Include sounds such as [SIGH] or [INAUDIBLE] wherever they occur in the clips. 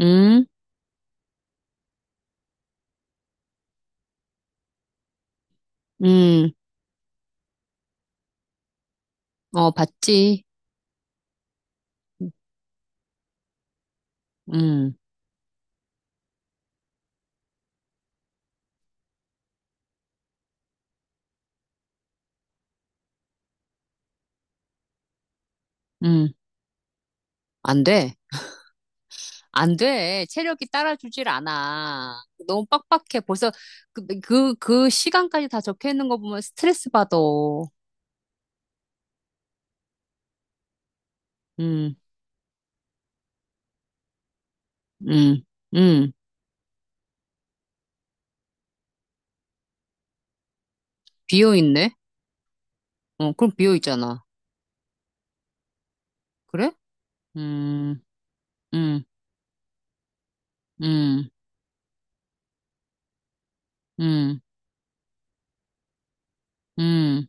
음, 음, 어, 봤지. 음, 음, 안 돼. 안 돼. 체력이 따라주질 않아. 너무 빡빡해. 벌써 그 시간까지 다 적혀 있는 거 보면 스트레스 받아. 음, 음, 음. 비어 있네? 어, 그럼 비어 있잖아. 그래? 음, 음, 음, 음, 음,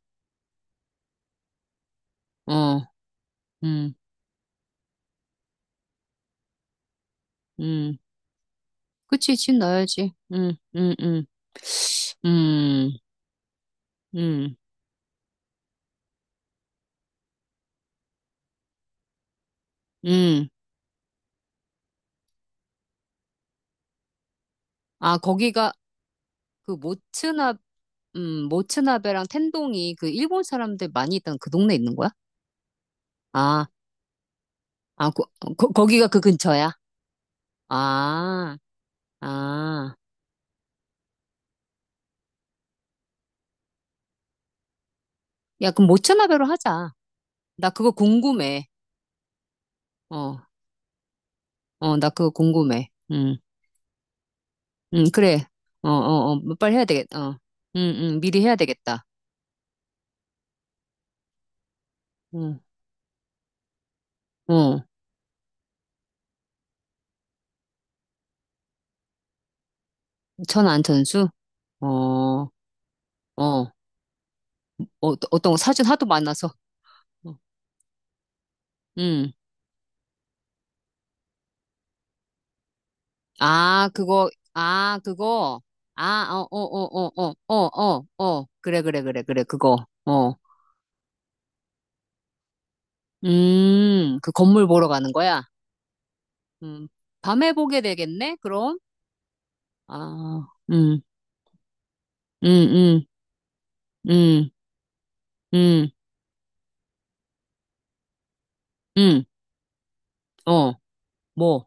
어, 음, 음. 그치, 집 넣어야지. 음, 음, 음. 아, 거기가, 그 모츠나 모츠나베랑 텐동이 그 일본 사람들 많이 있던 그 동네 있는 거야? 아, 아, 거, 거, 거기가 그 근처야? 아, 아, 야, 그럼 모츠나베로 하자. 나 그거 궁금해. 어, 어, 나 그거 궁금해. 응, 응 그래. 어, 어, 어, 뭐 빨리 해야 되겠다. 어, 응 응, 미리 해야 되겠다. 응 어, 천안 천수? 어, 어, 어, 어떤 거 사진 하도 많아서. 응 아, 그거, 아, 그거, 아, 어, 어, 어, 어, 어, 어, 어, 어, 그래, 그래, 그래, 그래, 그거, 어, 그 건물 보러 가는 거야? 음, 밤에 보게 되겠네, 그럼? 아, 음, 음, 음, 음, 음, 어, 뭐,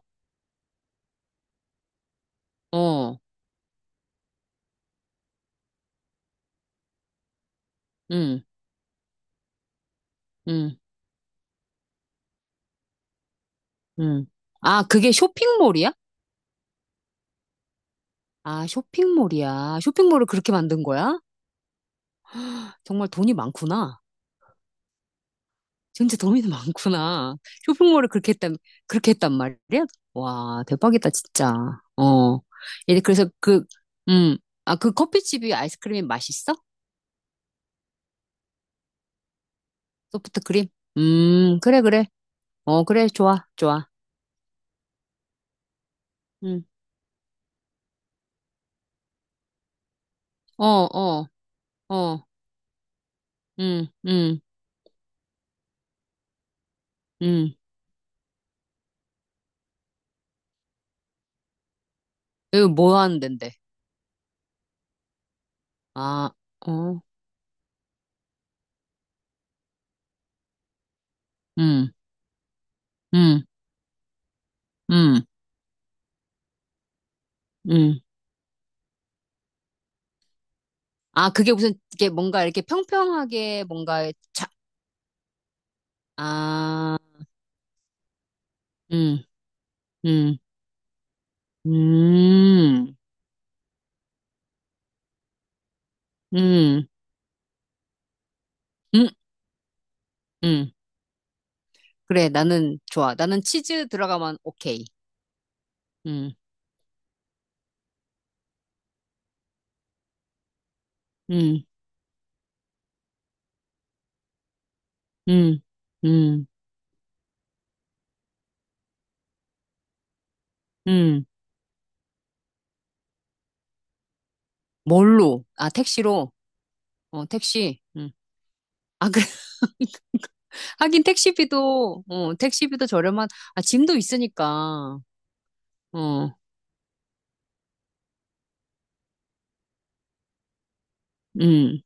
어, 음, 음, 음. 아, 그게 쇼핑몰이야? 아, 쇼핑몰이야. 쇼핑몰을 그렇게 만든 거야? 정말 돈이 많구나. 진짜 범인이 많구나. 쇼핑몰을 그렇게 했단, 그렇게 했단 말이야? 와, 대박이다, 진짜. 어. 얘 그래서 그, 음, 아, 그 커피집이 아이스크림이 맛있어? 소프트 크림? 그래, 그래. 어, 그래, 좋아, 좋아. 음, 어, 어, 어, 음, 음, 음. 여기 뭐 하는 데인데? 아, 어, 음, 음, 음, 음. 아, 그게 무슨, 이게 뭔가 이렇게 평평하게 뭔가, 자, 아, 음. 음. 음, 음, 음, 음. 그래, 나는 좋아. 나는 치즈 들어가면 오케이. 음, 음, 음, 음, 음. 뭘로? 아, 택시로? 어, 택시. 음. 아, 그래. [LAUGHS] 하긴 택시비도, 어, 택시비도 저렴한, 아, 짐도 있으니까. 어, 음.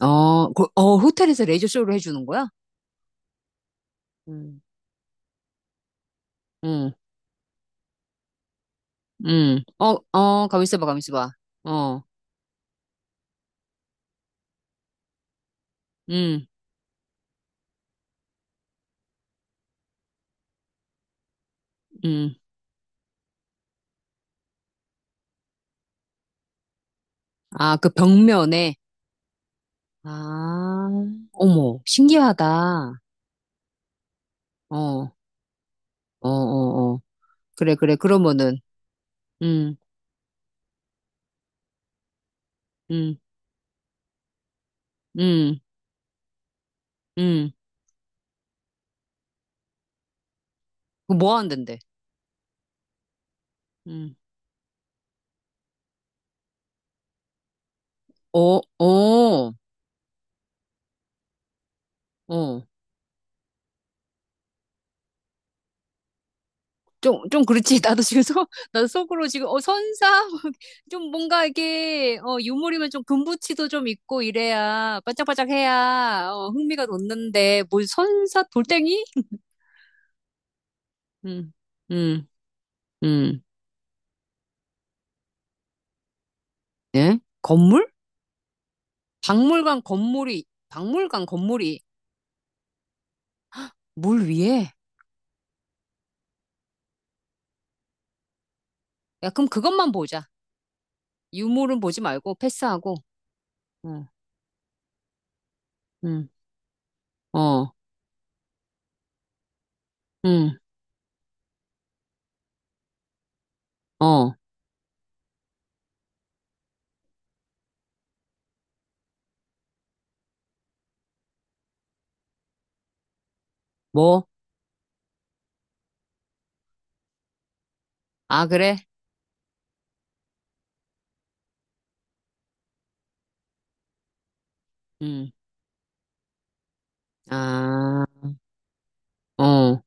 어, 그, 어, 호텔에서 레이저쇼를 해주는 거야? 음, 음, 어, 어, 가만있어 봐, 가만있어 봐. 어, 음, 음. 아, 그 벽면에. 아, 어머, 신기하다. 어, 어, 어, 어. 그래, 그래. 그러면은, 음, 음, 음, 음. 그거 뭐 하는데? 음. 어, 어, 어. 좀, 좀 그렇지. [LAUGHS] 나도 지금 속, 나도 속으로 지금, 어, 선사? [LAUGHS] 좀 뭔가 이게, 어, 유물이면 좀 금붙이도 좀 있고 이래야, 반짝반짝 해야, 어, 흥미가 돋는데, 뭘 선사? 돌덩이? 음, 음, 음. 예? 건물? 박물관 건물이, 박물관 건물이 물 위에? 야, 그럼 그것만 보자. 유물은 보지 말고 패스하고. 응, 응, 어, 응, 어, 뭐? 아, 그래? 응, 아, 어,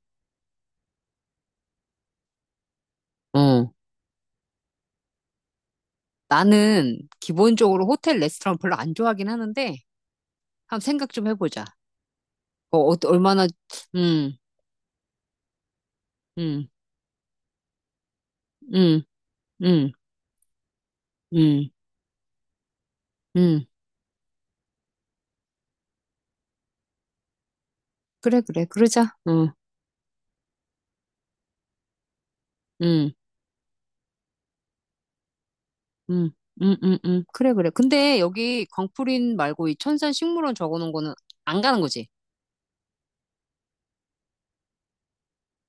어. 나는 기본적으로 호텔 레스토랑 별로 안 좋아하긴 하는데, 한번 생각 좀 해보자. 어, 어, 얼마나, 응, 응, 응, 응, 응, 응. 그래, 그래, 그러자. 응, 응. 음, 그래, 그래. 근데 여기 광풀인 말고 이 천산 식물원 적어 놓은 거는 안 가는 거지?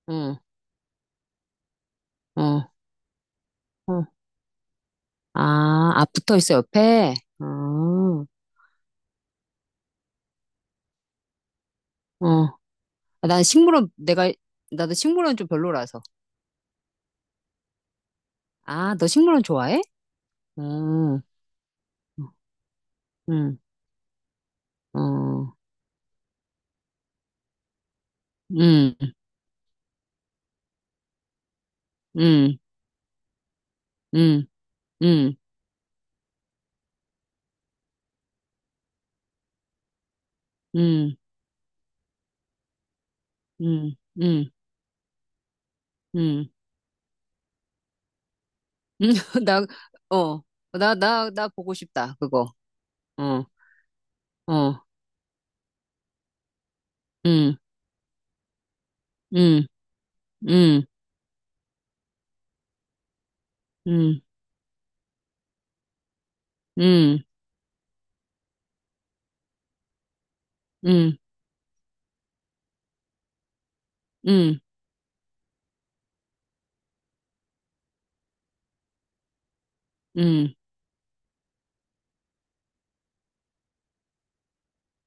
응, 어, 어. 아, 아, 붙어 있어, 옆에? 어, 어. 아, 난 식물원, 내가, 나도 식물원 좀 별로라서. 아, 너 식물원 좋아해? 응 응 어, 응 응 응 응 응 응 응 응 [LAUGHS] 나, 어, 나, 나, 나 보고 싶다, 그거. 어, 어, 응응 음, 음, 음, 음, 음, 음,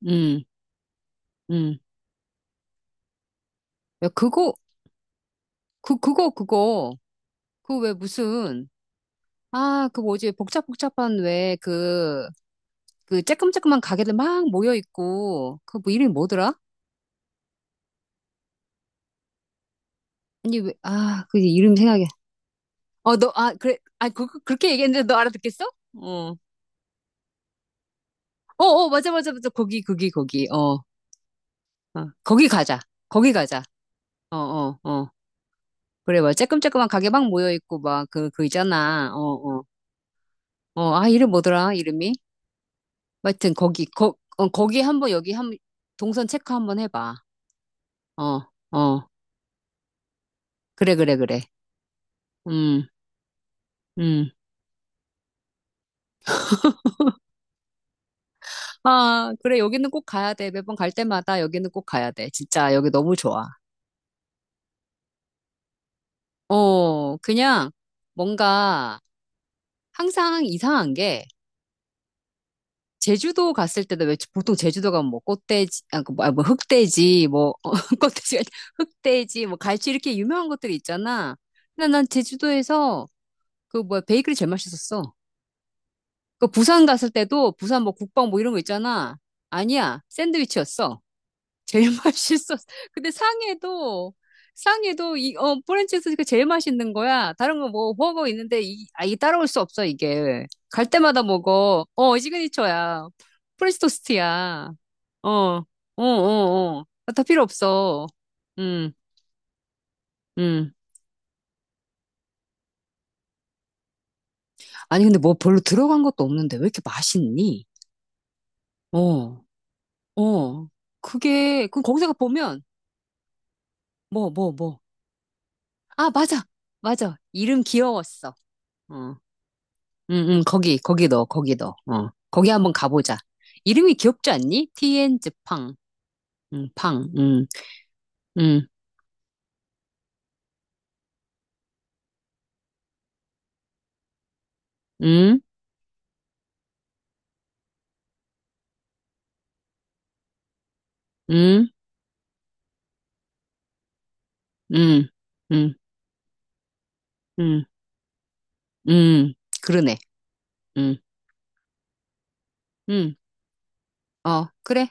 음, 음. 야, 그거, 그, 그거, 그거. 그 왜 무슨, 아, 그 뭐지, 복잡복잡한 왜 그, 그 쬐끔쬐끔한 가게들 막 모여있고, 그 뭐 이름이 뭐더라? 아니, 왜, 아, 그 이름 생각해. 어, 너, 아, 그래, 아, 그, 그- 그렇게 얘기했는데 너 알아듣겠어? 어. 어, 어, 맞아, 맞아, 맞아. 거기, 거기, 거기. 어, 어. 거기 가자. 거기 가자. 어, 어, 어. 그래, 막 쬐끔쬐끔한 가게 막 모여있고, 막, 그, 그 있잖아. 어, 어. 어, 아, 이름 뭐더라, 이름이? 하여튼, 거기, 거, 어, 거기 한 번, 여기 한 번, 동선 체크 한번 해봐. 어, 어, 그래, 그래, 그래. 음, 음. 아, 그래, 여기는 꼭 가야 돼. 매번 갈 때마다 여기는 꼭 가야 돼. 진짜, 여기 너무 좋아. 어, 그냥, 뭔가, 항상 이상한 게, 제주도 갔을 때도 왜 보통 제주도 가면 뭐 꽃돼지 아, 그 뭐, 아, 뭐 흑돼지 뭐 [LAUGHS] 어, 꽃돼지 아니, 흑돼지 뭐 갈치 이렇게 유명한 것들이 있잖아. 근데 난 제주도에서 그 뭐야 베이글이 제일 맛있었어. 그 부산 갔을 때도 부산 뭐 국밥 뭐 이런 거 있잖아. 아니야 샌드위치였어. 제일 [LAUGHS] 맛있었어. 근데 상해도 상해도 이어 프랜차이즈 그 제일 맛있는 거야. 다른 거 뭐 먹어 있는데 이 아 이 따라올 수 없어 이게. 갈 때마다 먹어. 어 시그니처야. 프렌치 토스트야. 어, 어, 어, 어. 아, 다 필요 없어. 음, 음. 아니 근데 뭐 별로 들어간 것도 없는데 왜 이렇게 맛있니? 어. 어, 그게, 그럼 거기서 보면, 뭐, 뭐, 뭐. 아, 맞아, 맞아. 이름 귀여웠어. 어, 응, 응, 거기, 거기 넣어, 거기 넣어. 어, 거기 한번 가보자. 이름이 귀엽지 않니? 티엔즈 팡. 응, 팡, 응, 응, 응, 응, 응, 응, 응, 응. 그러네. 응, 응, 어, 그래.